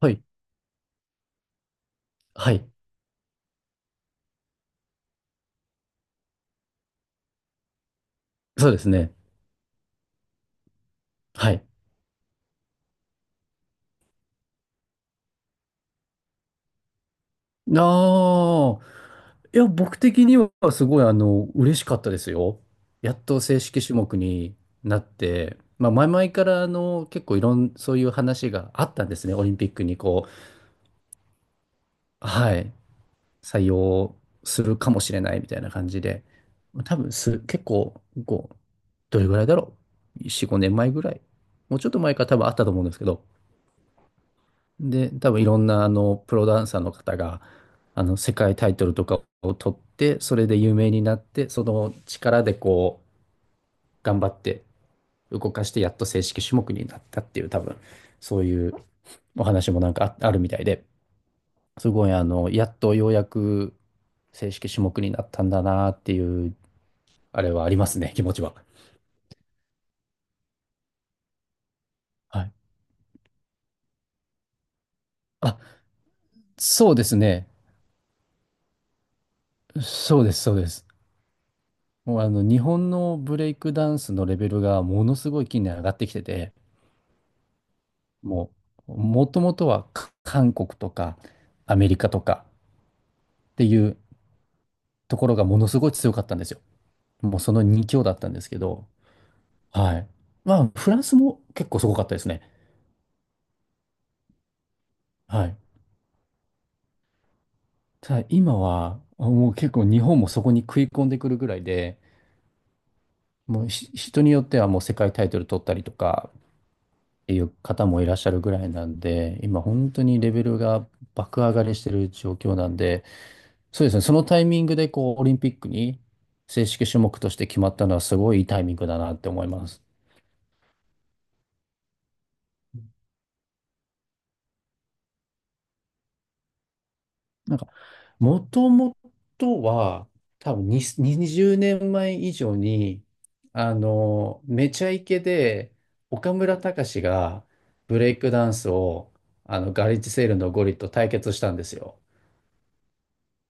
はい。はい。そうですね。はい。ああ、いや、僕的にはすごい、嬉しかったですよ。やっと正式種目になって、まあ、前々から、結構いろん、そういう話があったんですね。オリンピックに、こう、はい、採用するかもしれないみたいな感じで。多分す、結構、こう、どれぐらいだろう。4、5年前ぐらい。もうちょっと前から多分あったと思うんですけど、で、多分いろんなあのプロダンサーの方があの世界タイトルとかを取って、それで有名になって、その力でこう頑張って動かして、やっと正式種目になったっていう、多分そういうお話もあるみたいで、すごいあの、やっとようやく正式種目になったんだなっていう、あれはありますね、気持ちは。はい。あ、そうですね。そうです、そうです。もうあの日本のブレイクダンスのレベルがものすごい近年上がってきてて、ももともとは韓国とかアメリカとかっていうところがものすごい強かったんですよ。もうその2強だったんですけど、はい。まあ、フランスも結構すごかったですね。はい。ただ今は、もう結構日本もそこに食い込んでくるぐらいで、もうひ人によってはもう世界タイトル取ったりとかっていう方もいらっしゃるぐらいなんで、今本当にレベルが爆上がりしてる状況なんで、そうですね。そのタイミングで、こう、オリンピックに正式種目として決まったのは、すごいいいタイミングだなって思います。なんか、もともとは、多分に20年前以上に、めちゃイケで、岡村隆史がブレイクダンスを、ガレージセールのゴリと対決したんですよ。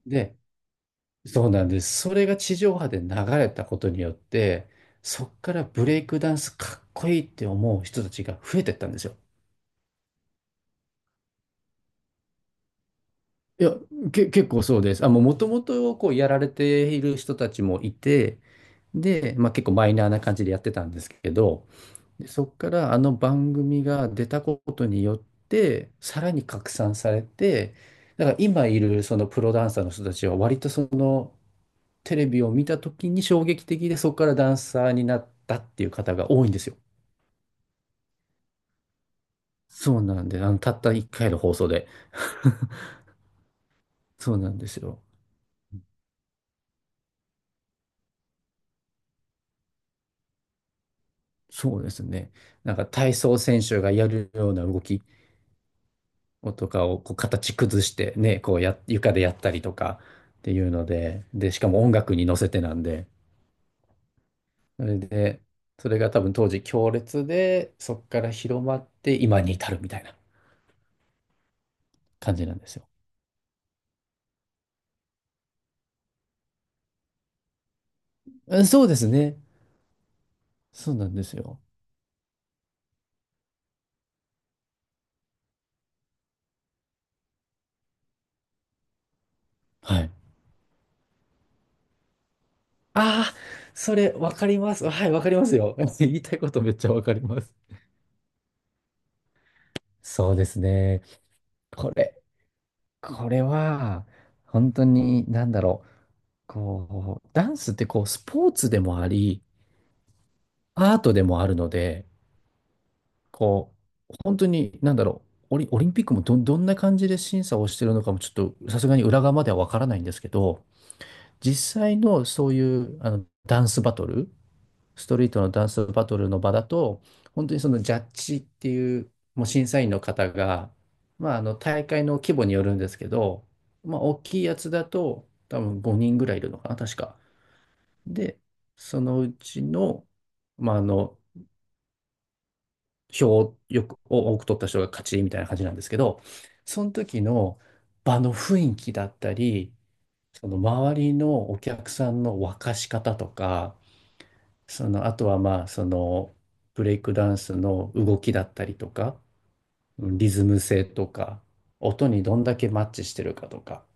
で、そうなんです。それが地上波で流れたことによって、そっからブレイクダンスかっこいいって思う人たちが増えてったんですよ。いや、結構そうです。あ、もう元々こうやられている人たちもいて、で、まあ、結構マイナーな感じでやってたんですけど、でそこからあの番組が出たことによって、さらに拡散されて、だから今いるそのプロダンサーの人たちは割とそのテレビを見た時に衝撃的で、そこからダンサーになったっていう方が多いんですよ。そうなんで、あの、たった1回の放送で。そうなんですよ。そうですね。なんか体操選手がやるような動きをとかをこう形崩してね、こうや、床でやったりとかっていうので、で、しかも音楽に乗せてなんで、それで、それが多分当時強烈で、そこから広まって今に至るみたいな感じなんですよ。うんそうですね。そうなんですよ。はい。ああ、それわかります。はい、わかりますよ。言いたいことめっちゃわかります。そうですね。これ、これは、本当に、なんだろう。こう、ダンスってこう、スポーツでもあり、アートでもあるので、こう、本当に、なんだろう、オリンピックもどんな感じで審査をしてるのかもちょっとさすがに裏側まではわからないんですけど、実際のそういうあのダンスバトル、ストリートのダンスバトルの場だと、本当にそのジャッジっていう、もう審査員の方が、まあ、あの大会の規模によるんですけど、まあ、大きいやつだと多分5人ぐらいいるのかな、確か。で、そのうちの、まあ、あの、票を多く取った人が勝ちみたいな感じなんですけど、その時の場の雰囲気だったり、その周りのお客さんの沸かし方とか、その、あとはまあ、その、ブレイクダンスの動きだったりとか、うんリズム性とか、音にどんだけマッチしてるかとか、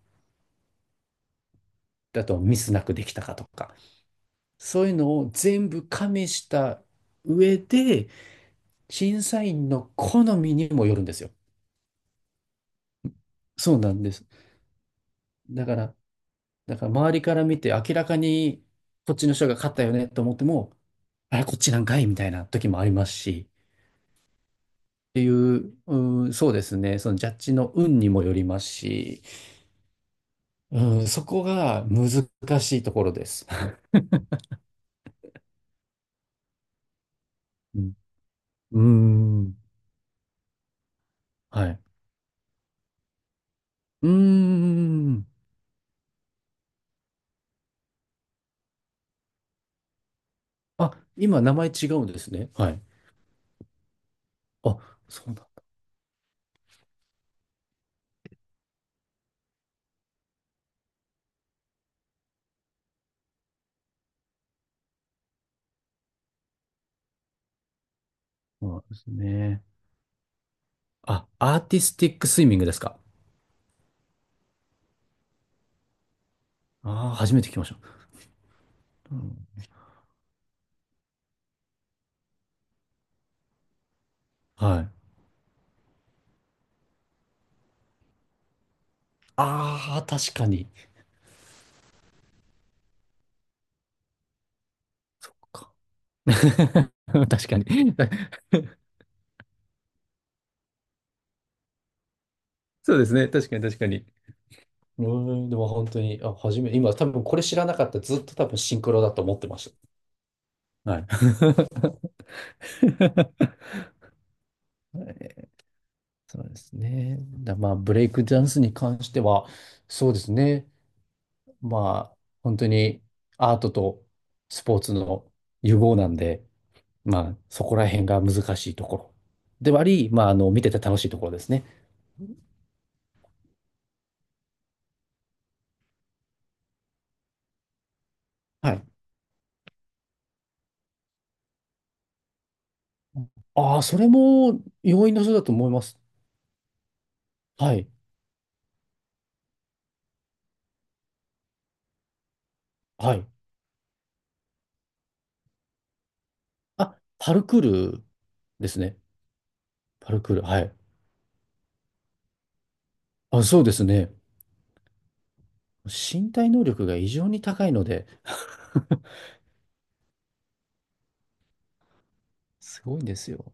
あとミスなくできたかとか、そういうのを全部加味した上で、審査員の好みにもよるんですよ。そうなんです。だから、だから周りから見て明らかにこっちの人が勝ったよねと思っても、あれ、こっちなんかいみたいな時もありますし、っていう、うん、そうですね、そのジャッジの運にもよりますし、うん、そこが難しいところです。うん、うーんはい。うーん。あ、今名前違うんですね。はい。あ、そうだ。そうなんですね。あ、アーティスティックスイミングですか。ああ、初めて聞きました。うん、はい。ああ、確かに。そっか。確かに。そうですね。確かに、確かに。うーん、でも本当に、今多分これ知らなかった。ずっと多分シンクロだと思ってました。はい。そうですね。まあ、ブレイクダンスに関しては、そうですね。まあ、本当にアートとスポーツの融合なんで、まあ、そこら辺が難しいところではあり、まあ、あの、見てて楽しいところですね。はい。ああ、それも要因の一つだと思います。はい。はい。あ、パルクールですね。パルクール。はい。あ、そうですね。身体能力が異常に高いので すごいんですよ。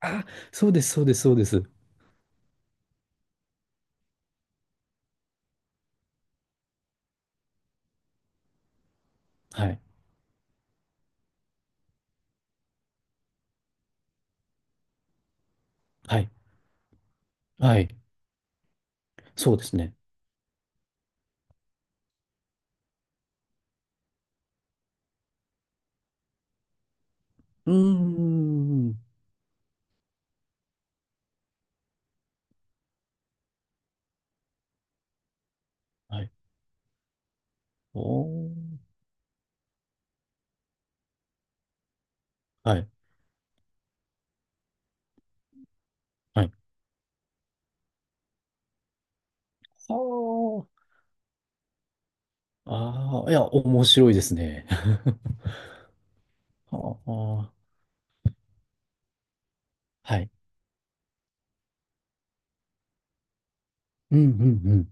あ、そうです、そうです、そうです。はい。はい。はい。そうですね。うーん。はい。おー。はい。はい。はあ。ああ、いや、面白いですね。はあ。はい。うん、うん、うん。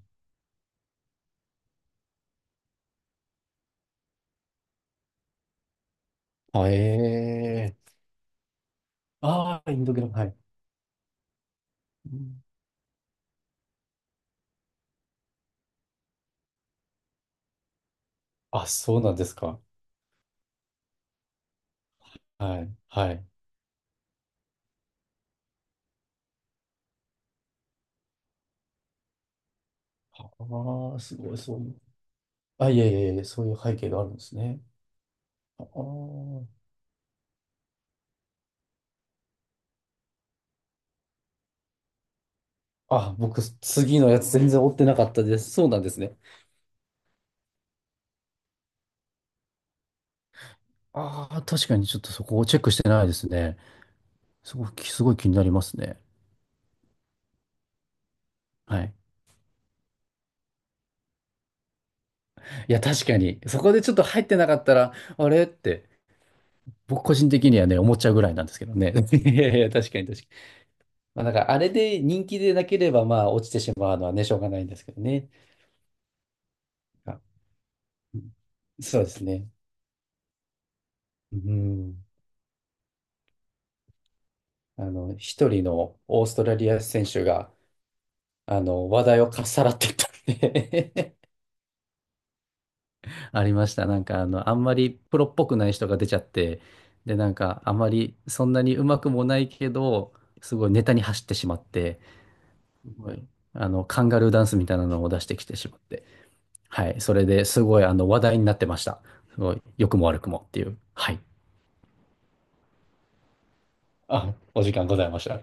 あ、えあインド系の、はい。うんあ、そうなんですか。はい、はい。ああ、すごい、そういう。あ、いえいえいえ、そういう背景があるんですね。ああ、あ、僕、次のやつ全然追ってなかったです。そうなんですね。ああ、確かにちょっとそこをチェックしてないですね。すごい、すごい気になりますね。はい。いや、確かに、そこでちょっと入ってなかったら、あれって、僕個人的にはね、思っちゃうぐらいなんですけどね。いやいや、確かに確かに。まあ、だからあれで人気でなければ、まあ、落ちてしまうのはね、しょうがないんですけどね。あそうですね。うん。あの、一人のオーストラリア選手が、あの、話題をかっさらってったんで ありました。なんか、あの、あんまりプロっぽくない人が出ちゃって、で、なんか、あまりそんなにうまくもないけど、すごいネタに走ってしまって、すごいあの、カンガルーダンスみたいなのを出してきてしまって。はい。それですごいあの話題になってました。すごい、良くも悪くもっていう。はい。あ、お時間ございました。